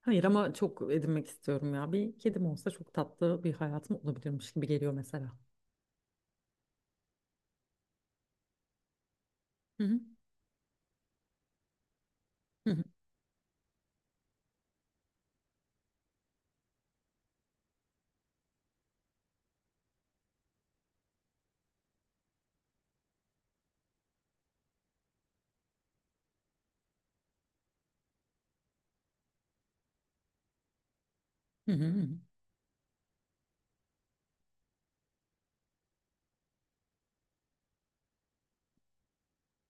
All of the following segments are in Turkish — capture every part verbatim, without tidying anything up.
Hayır ama çok edinmek istiyorum ya. Bir kedim olsa çok tatlı bir hayatım olabilirmiş gibi geliyor mesela. Hı hı. Hı hı. Hı hı. hı hı.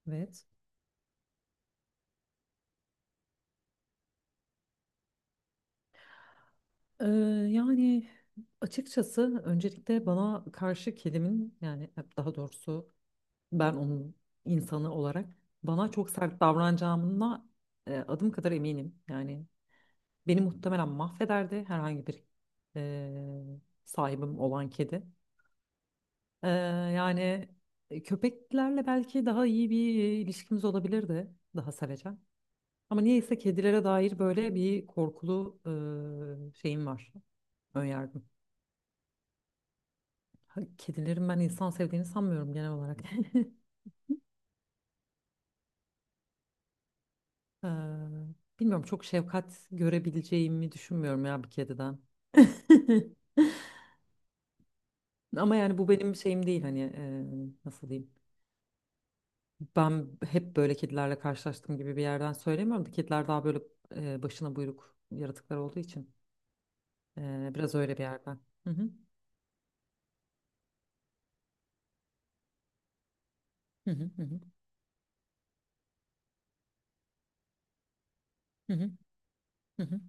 Evet. Ee, yani açıkçası öncelikle bana karşı kedimin yani daha doğrusu ben onun insanı olarak bana çok sert davranacağına e, adım kadar eminim. Yani beni muhtemelen mahvederdi herhangi bir e, sahibim olan kedi. Ee, yani e, köpeklerle belki daha iyi bir e, ilişkimiz olabilirdi. Daha sevecen. Ama niyeyse kedilere dair böyle bir korkulu e, şeyim var. Önyargım. Ha, Kedilerin ben insan sevdiğini sanmıyorum genel olarak. Ee, bilmiyorum çok şefkat görebileceğimi düşünmüyorum ya bir kediden. Ama yani bu benim şeyim değil hani e, nasıl diyeyim. Ben hep böyle kedilerle karşılaştığım gibi bir yerden söylemiyorum da kediler daha böyle e, başına buyruk yaratıklar olduğu için e, biraz öyle bir yerden. Hı hı. Hı hı hı hı hı hı. hı hı.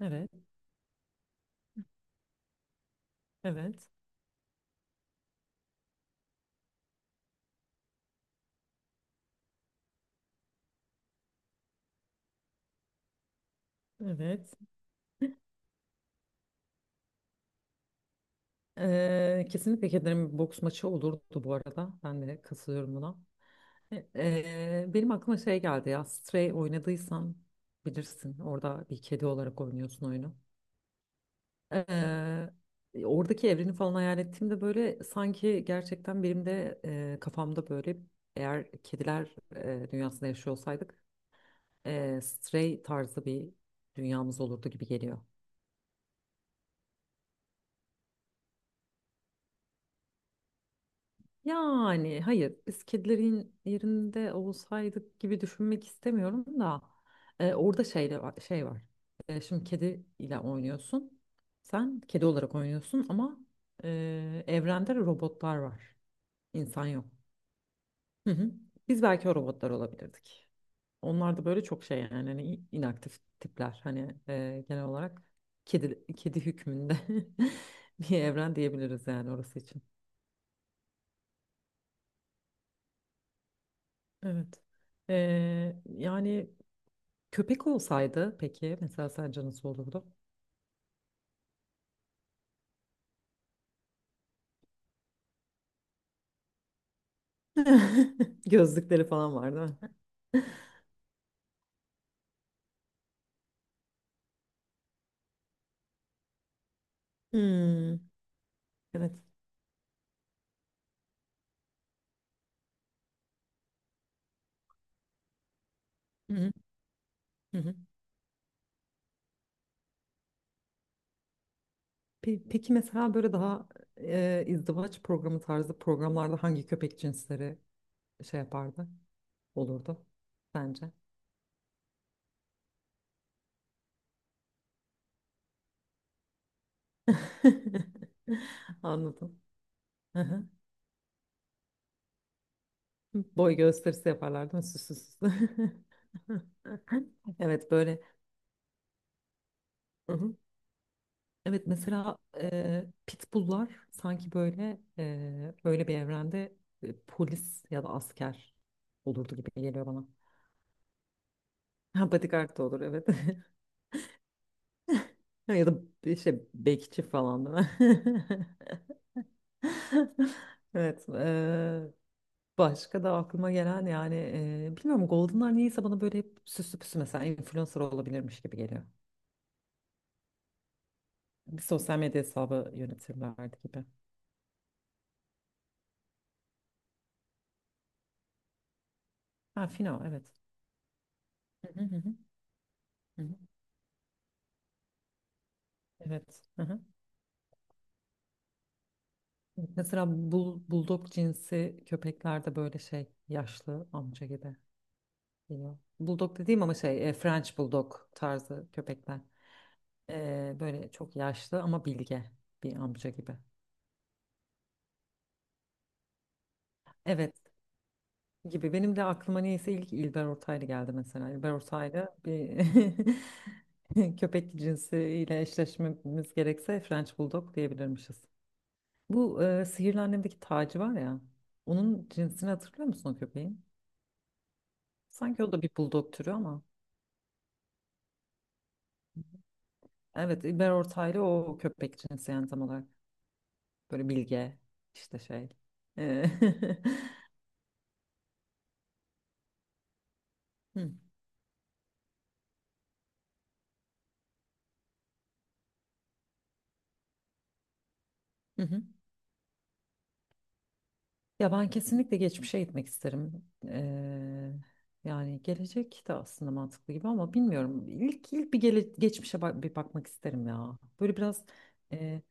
Evet, evet, evet. Ee, kesinlikle kedilerin bir boks maçı olurdu bu arada. Ben de katılıyorum buna. Ee, benim aklıma şey geldi ya. Stray oynadıysan bilirsin. Orada bir kedi olarak oynuyorsun oyunu. Eee, e, oradaki evreni falan hayal ettiğimde böyle sanki gerçekten benim de eee, kafamda böyle eğer kediler eee, dünyasında yaşıyor olsaydık eee, Stray tarzı bir dünyamız olurdu gibi geliyor. Yani hayır biz kedilerin yerinde olsaydık gibi düşünmek istemiyorum da eee, orada şeyle var- şey var. Eee, şimdi kedi ile oynuyorsun. Sen kedi olarak oynuyorsun ama eee evrende robotlar var. İnsan yok. Hı hı. Biz belki o robotlar olabilirdik. Onlar da böyle çok şey yani hani inaktif tipler. Hani e, genel olarak kedi kedi hükmünde bir evren diyebiliriz yani orası için. Evet. Ee, yani köpek olsaydı peki mesela sence nasıl olurdu? Gözlükleri falan var değil mi? Hmm, evet. Hı hı, hı hı. Pe- Peki mesela böyle daha e, izdivaç programı tarzı programlarda hangi köpek cinsleri şey yapardı, olurdu bence. Anladım. Hı hı. Boy gösterisi yaparlar değil mi? Süs süs. Süs. Evet böyle. Hı hı. Evet mesela e, pitbulllar sanki böyle e, öyle bir evrende e, polis ya da asker olurdu gibi geliyor bana. Ha, bodyguard da olur evet. Ya da bir şey bekçi falan değil mi? Evet. Başka da aklıma gelen yani e, bilmiyorum Golden'lar niyeyse bana böyle hep süslü püslü mesela influencer olabilirmiş gibi geliyor. Bir sosyal medya hesabı yönetirlerdi gibi. Ha Fino evet. Hı hı hı hı, hı hı. Evet. hı hı. Mesela bul, bulldog cinsi köpekler de böyle şey yaşlı amca gibi geliyor. Bulldog dediğim ama şey e, French bulldog tarzı köpekler. E, böyle çok yaşlı ama bilge bir amca gibi. Evet. gibi. Benim de aklıma niyeyse ilk İlber Ortaylı geldi mesela. İlber Ortaylı bir köpek cinsiyle eşleşmemiz gerekse French Bulldog diyebilirmişiz. Bu e, Sihirli Annem'deki Taci var ya. Onun cinsini hatırlıyor musun o köpeğin? Sanki o da bir bulldog türü ama. Evet İlber Ortaylı o köpek cinsi yani tam olarak. Böyle bilge işte şey. E, Hı hı. Ya ben kesinlikle geçmişe gitmek isterim. Eee, yani gelecek de aslında mantıklı gibi ama bilmiyorum. İlk, ilk bir gele- geçmişe bak- bir bakmak isterim ya. Böyle biraz eee,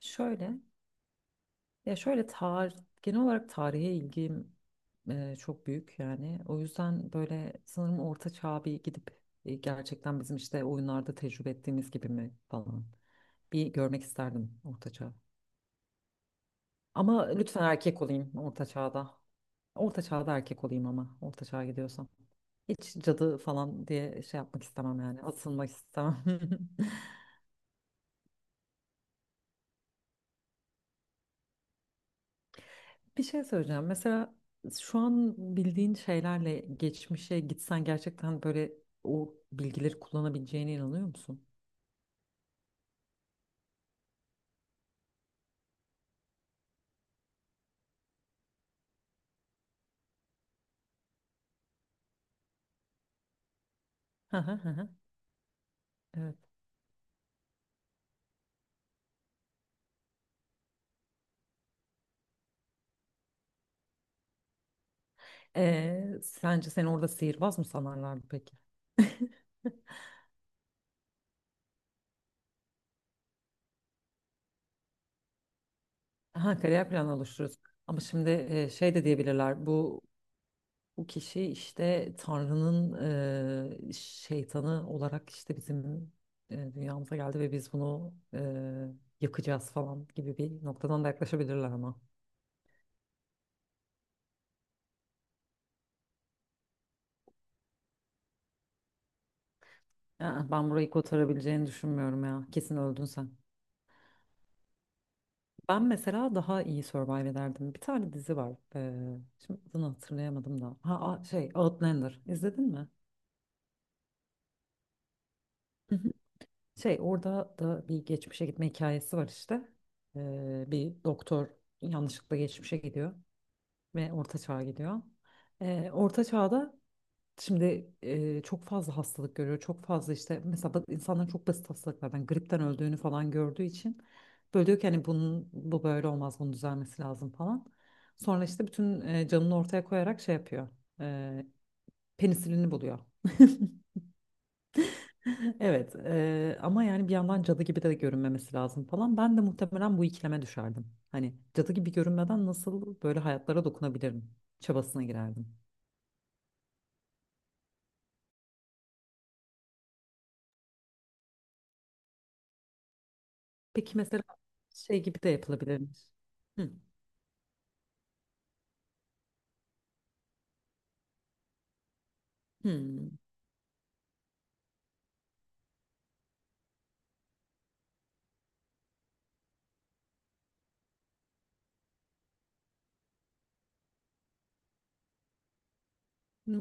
şöyle ya şöyle tarih genel olarak tarihe ilgim eee, çok büyük yani. O yüzden böyle sanırım orta çağa bir gidip e, gerçekten bizim işte oyunlarda tecrübe ettiğimiz gibi mi falan bir görmek isterdim orta çağı. Ama lütfen erkek olayım orta çağda. Orta çağda erkek olayım ama orta çağa gidiyorsam. Hiç cadı falan diye şey yapmak istemem yani. Asılmak istemem. Bir şey söyleyeceğim. Mesela şu an bildiğin şeylerle geçmişe gitsen gerçekten böyle o bilgileri kullanabileceğine inanıyor musun? Hı hı hı hı. Evet. Ee, sence seni orada sihirbaz mı sanarlardı peki? Ha, kariyer planı oluşturuyorsun. Ama şimdi e, şey de diyebilirler. Bu Bu kişi işte Tanrı'nın eee, şeytanı olarak işte bizim eee, dünyamıza geldi ve biz bunu eee, yakacağız falan gibi bir noktadan da yaklaşabilirler ama. Aa, ben burayı kotarabileceğini düşünmüyorum ya. Kesin öldün sen. Ben mesela daha iyi survive ederdim. Bir tane dizi var. Eee, şimdi adını hatırlayamadım da. Ha a- şey Outlander. İzledin mi? Hı hı. Şey orada da bir geçmişe gitme hikayesi var işte. Eee, bir doktor yanlışlıkla geçmişe gidiyor. ve Orta çağa gidiyor. Ee, Orta Çağ'da şimdi e, çok fazla hastalık görüyor. Çok fazla işte mesela ba- insanların çok basit hastalıklardan gripten öldüğünü falan gördüğü için böyle diyor ki hani bunun bu böyle olmaz bunun düzelmesi lazım falan. Sonra işte bütün e, canını ortaya koyarak şey yapıyor. E, penisilini buluyor. Evet e, ama yani bir yandan cadı gibi de görünmemesi lazım falan. Ben de muhtemelen bu ikileme düşerdim. Hani cadı gibi görünmeden nasıl böyle hayatlara dokunabilirim çabasına girerdim. Peki mesela şey gibi de yapılabilirmiş. Hı. Hmm.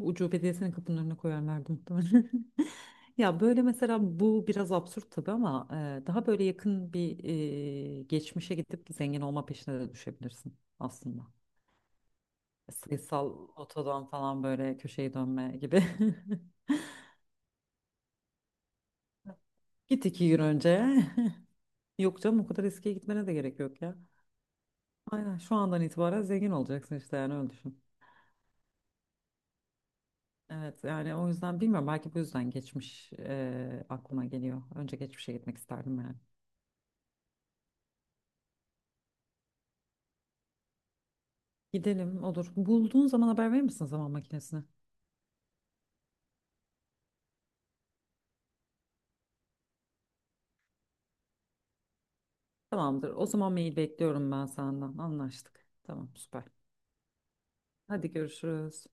Ucu belediyesinin kapının önüne koyarlardı muhtemelen. Ya böyle mesela bu biraz absürt tabii ama e, daha böyle yakın bir e, geçmişe gidip zengin olma peşine de düşebilirsin aslında. E, Sayısal otodan falan böyle köşeyi dönme gibi. Git iki gün önce. Yok canım o kadar eskiye gitmene de gerek yok ya. Aynen şu andan itibaren zengin olacaksın işte yani öyle düşün. Evet yani o yüzden bilmiyorum belki bu yüzden geçmiş e, aklıma geliyor. Önce geçmişe gitmek isterdim yani. Gidelim olur. Bulduğun zaman haber verir misin zaman makinesine? Tamamdır. O zaman mail bekliyorum ben senden. Anlaştık. Tamam süper. Hadi görüşürüz.